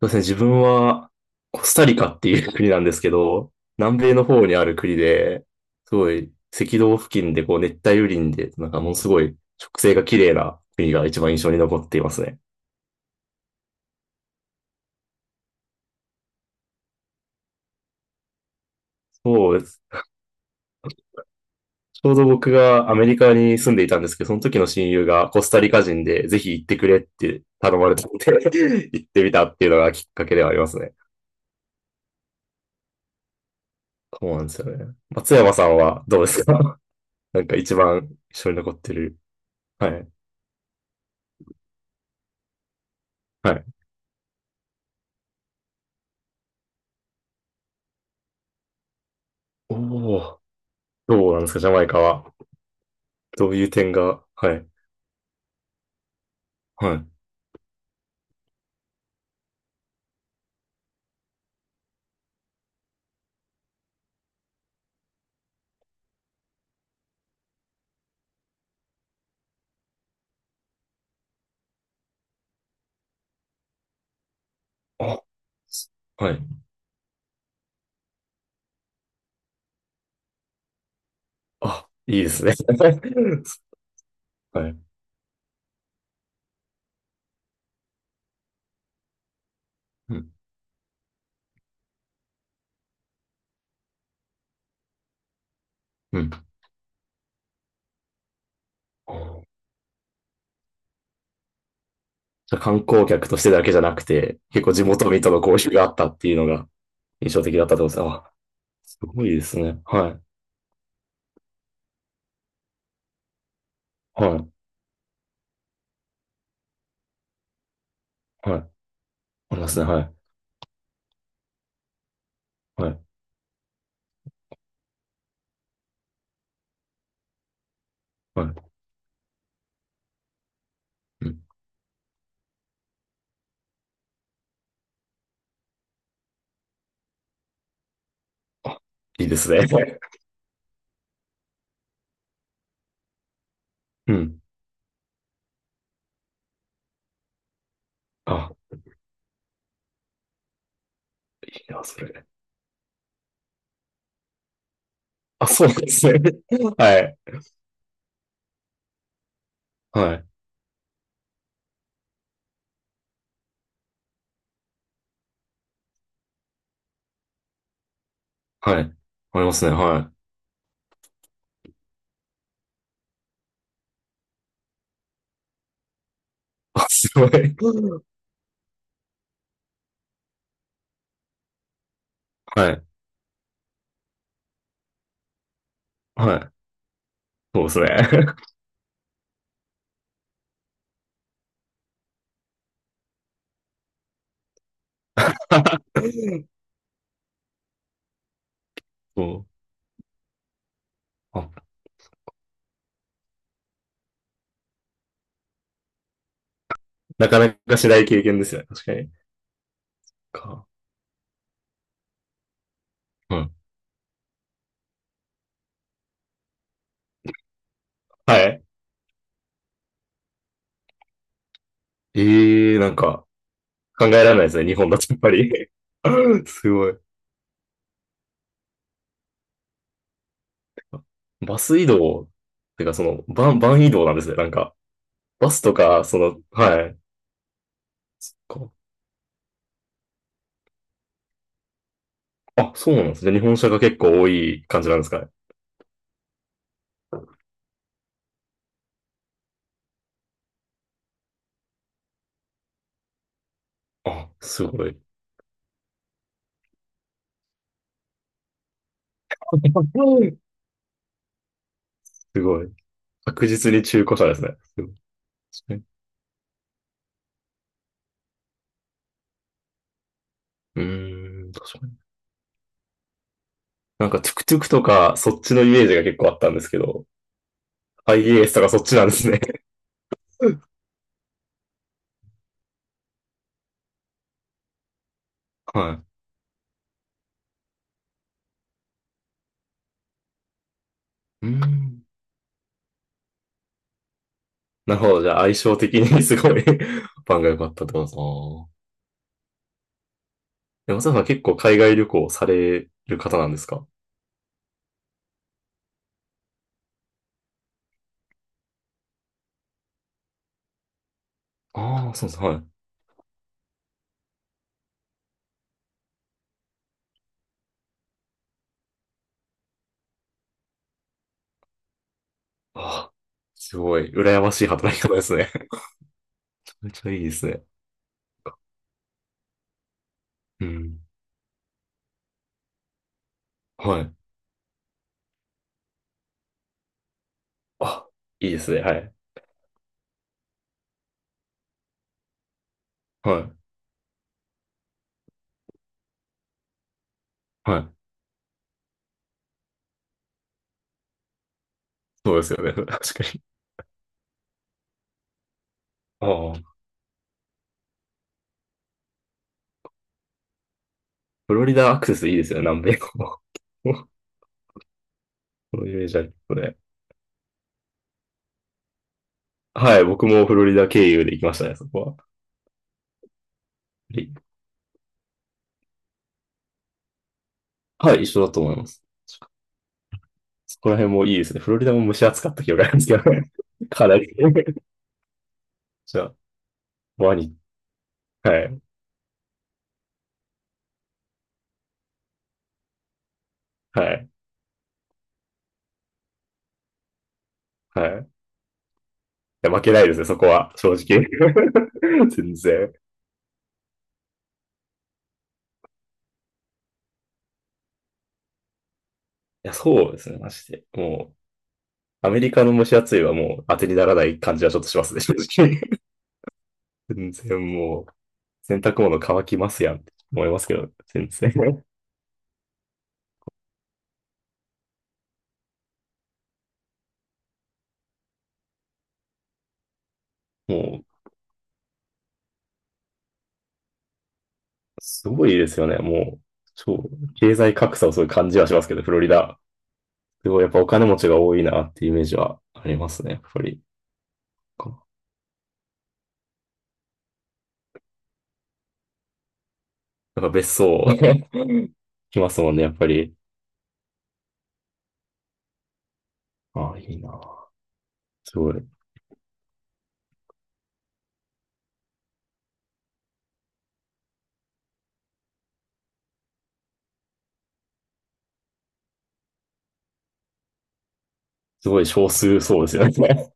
そうですね、自分はコスタリカっていう国なんですけど、南米の方にある国で、すごい赤道付近でこう熱帯雨林で、なんかものすごい植生が綺麗な国が一番印象に残っていますね。そうです。ちょうど僕がアメリカに住んでいたんですけど、その時の親友がコスタリカ人でぜひ行ってくれって頼まれたので 行ってみたっていうのがきっかけではありますね。そうなんですよね。松山さんはどうですか？ なんか一番印象に残ってる。はい。はい。おお。どうなんですか、ジャマイカは。どういう点が、はい。はい。あ、はい。あ、いいですね。はい。うん。うん。じゃあ観光客としてだけじゃなくて、結構地元民との交流があったっていうのが印象的だったってことですね。あ、すごいですね。はい。はい。はい。ありますね。はい。はい。はい。うん。いいですね。はい。うん。あ、いいな、それ。あ、そうなんですね。はい。はい。はい。ありますね。はい。あ、すごい。はい。はい。そうですね。そう。あ、なかなかしない経験ですね。確かに。か。うん。はい。ええー、なんか、考えられないですね。日本だとやっぱり。すごい。バス移動、てかその、バン移動なんですね。なんか、バスとか、その、はい。そっか。あ、そうなんですね。日本車が結構多い感じなんですかね。あ、すごい。すごい。確実に中古車ですね。すごい確かに。うーん、確かに。なんか、トゥクトゥクとか、そっちのイメージが結構あったんですけど、IES とかそっちなんですね。はい。うん。なるほど。じゃあ相性的にすごい 番が良かったってことですね。でも松田さん結構海外旅行される方なんですか？ああ、そうです。はい。ああ、すごい。羨ましい働き方ですね。めちゃめちゃいいですね。うん。はい。あ、いいですね。はい。はい。はい。そうですよね。確かに。ああ、フロリダアクセスいいですよね。南米も。このイメージあるますね。はい。僕もフロリダ経由で行きましたね、そこは。はい。一緒だと思います。そこら辺もいいですね。フロリダも蒸し暑かった記憶があるんですけどね。かなり。じゃあ、ワニ。はい、はい、はい。いや、負けないですね、そこは、正直。全然。いや、そうですね、マジで。もう、アメリカの蒸し暑いはもう当てにならない感じはちょっとしますね、正直。全然もう、洗濯物乾きますやんって思いますけど、全然。もう、すごいですよね、もう。超、経済格差をそういう感じはしますけど、フロリダ。すごいやっぱお金持ちが多いなっていうイメージはありますね、やっぱり。かな。なんか別荘、来ますもんね、やっぱり。ああ、いいな。すごい。すごい少数そうですよね。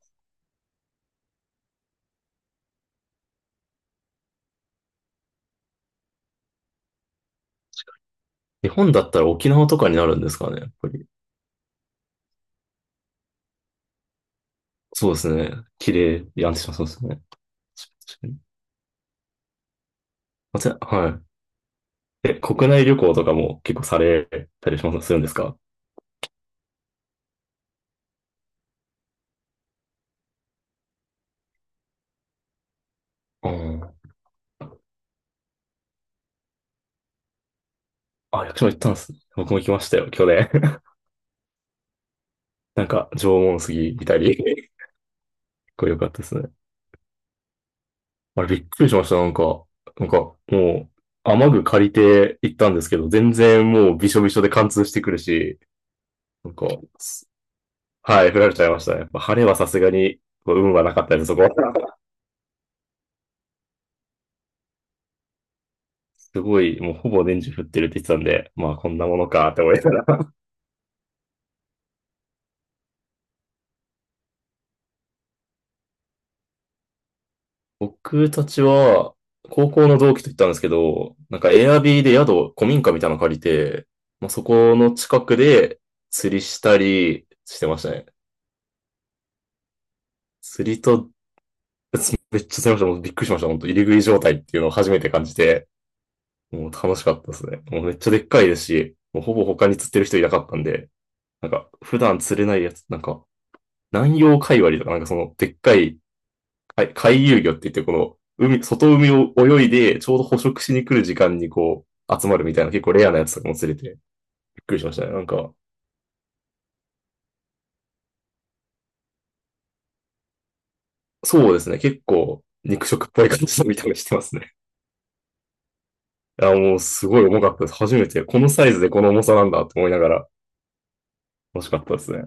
日本だったら沖縄とかになるんですかね、やっぱり。そうですね。綺麗。いや、安心そうですね。確かに。はい。え、国内旅行とかも結構されたりします、するんですか？うん。あ、役所も行ったんですね。僕も行きましたよ、去年。なんか、縄文杉見たり。これ良かったですね。あれびっくりしました。なんか、なんか、もう、雨具借りて行ったんですけど、全然もうびしょびしょで貫通してくるし、なんか、すはい、降られちゃいましたね。やっぱ晴れはさすがに、こう運はなかったです、そこは。すごい、もうほぼ年中降ってるって言ってたんで、まあこんなものかって思いながら。僕たちは、高校の同期と言ったんですけど、なんかエアビーで宿、古民家みたいなの借りて、まあそこの近くで釣りしたりしてましたね。釣りとめっちゃされました。もうびっくりしました。本当入り食い状態っていうのを初めて感じて、もう楽しかったですね。もうめっちゃでっかいですし、もうほぼ他に釣ってる人いなかったんで、なんか普段釣れないやつ、なんか南洋海割りとか、なんかそのでっかい海海遊魚って言ってこの海、外海を泳いでちょうど捕食しに来る時間にこう集まるみたいな結構レアなやつとかも釣れてびっくりしましたね。なんか、そうですね。結構肉食っぽい感じの見た目してますね。いや、もうすごい重かったです。初めてこのサイズでこの重さなんだって思いながら楽しかったですね。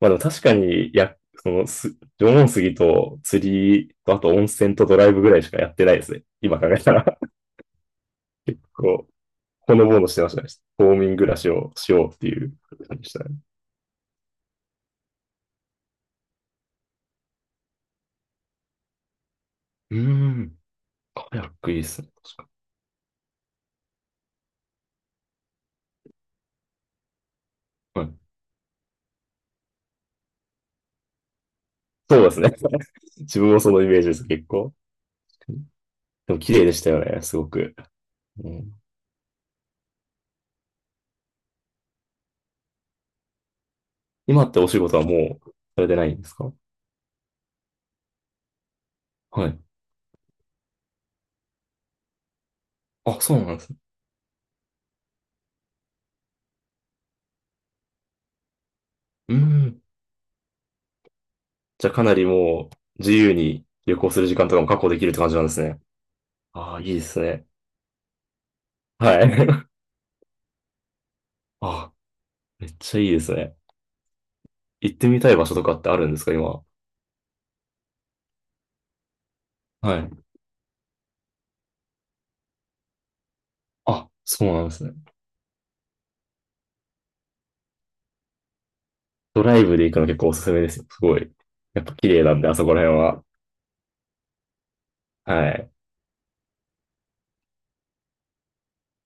まあでも確かに、や、その、縄文杉と釣りと、あと温泉とドライブぐらいしかやってないですね。今考えたら。結構、ほのぼのしてましたね。冬眠暮らしをしようっていう感じでしたね。うーん。カヤックいいですね。確かに。はい。そうですね。自分もそのイメージです、結構。でも綺麗でしたよね、すごく。うん、今ってお仕事はもうされてないんですか？はい。あ、そうなんですね。うーん。じゃあかなりもう自由に旅行する時間とかも確保できるって感じなんですね。ああ、いいですね。はい。あ、めっちゃいいですね。行ってみたい場所とかってあるんですか、今？はい。あ、そうなんですね。ドライブで行くの結構おすすめですよ。すごい。やっぱ綺麗なんで、あそこら辺は。はい。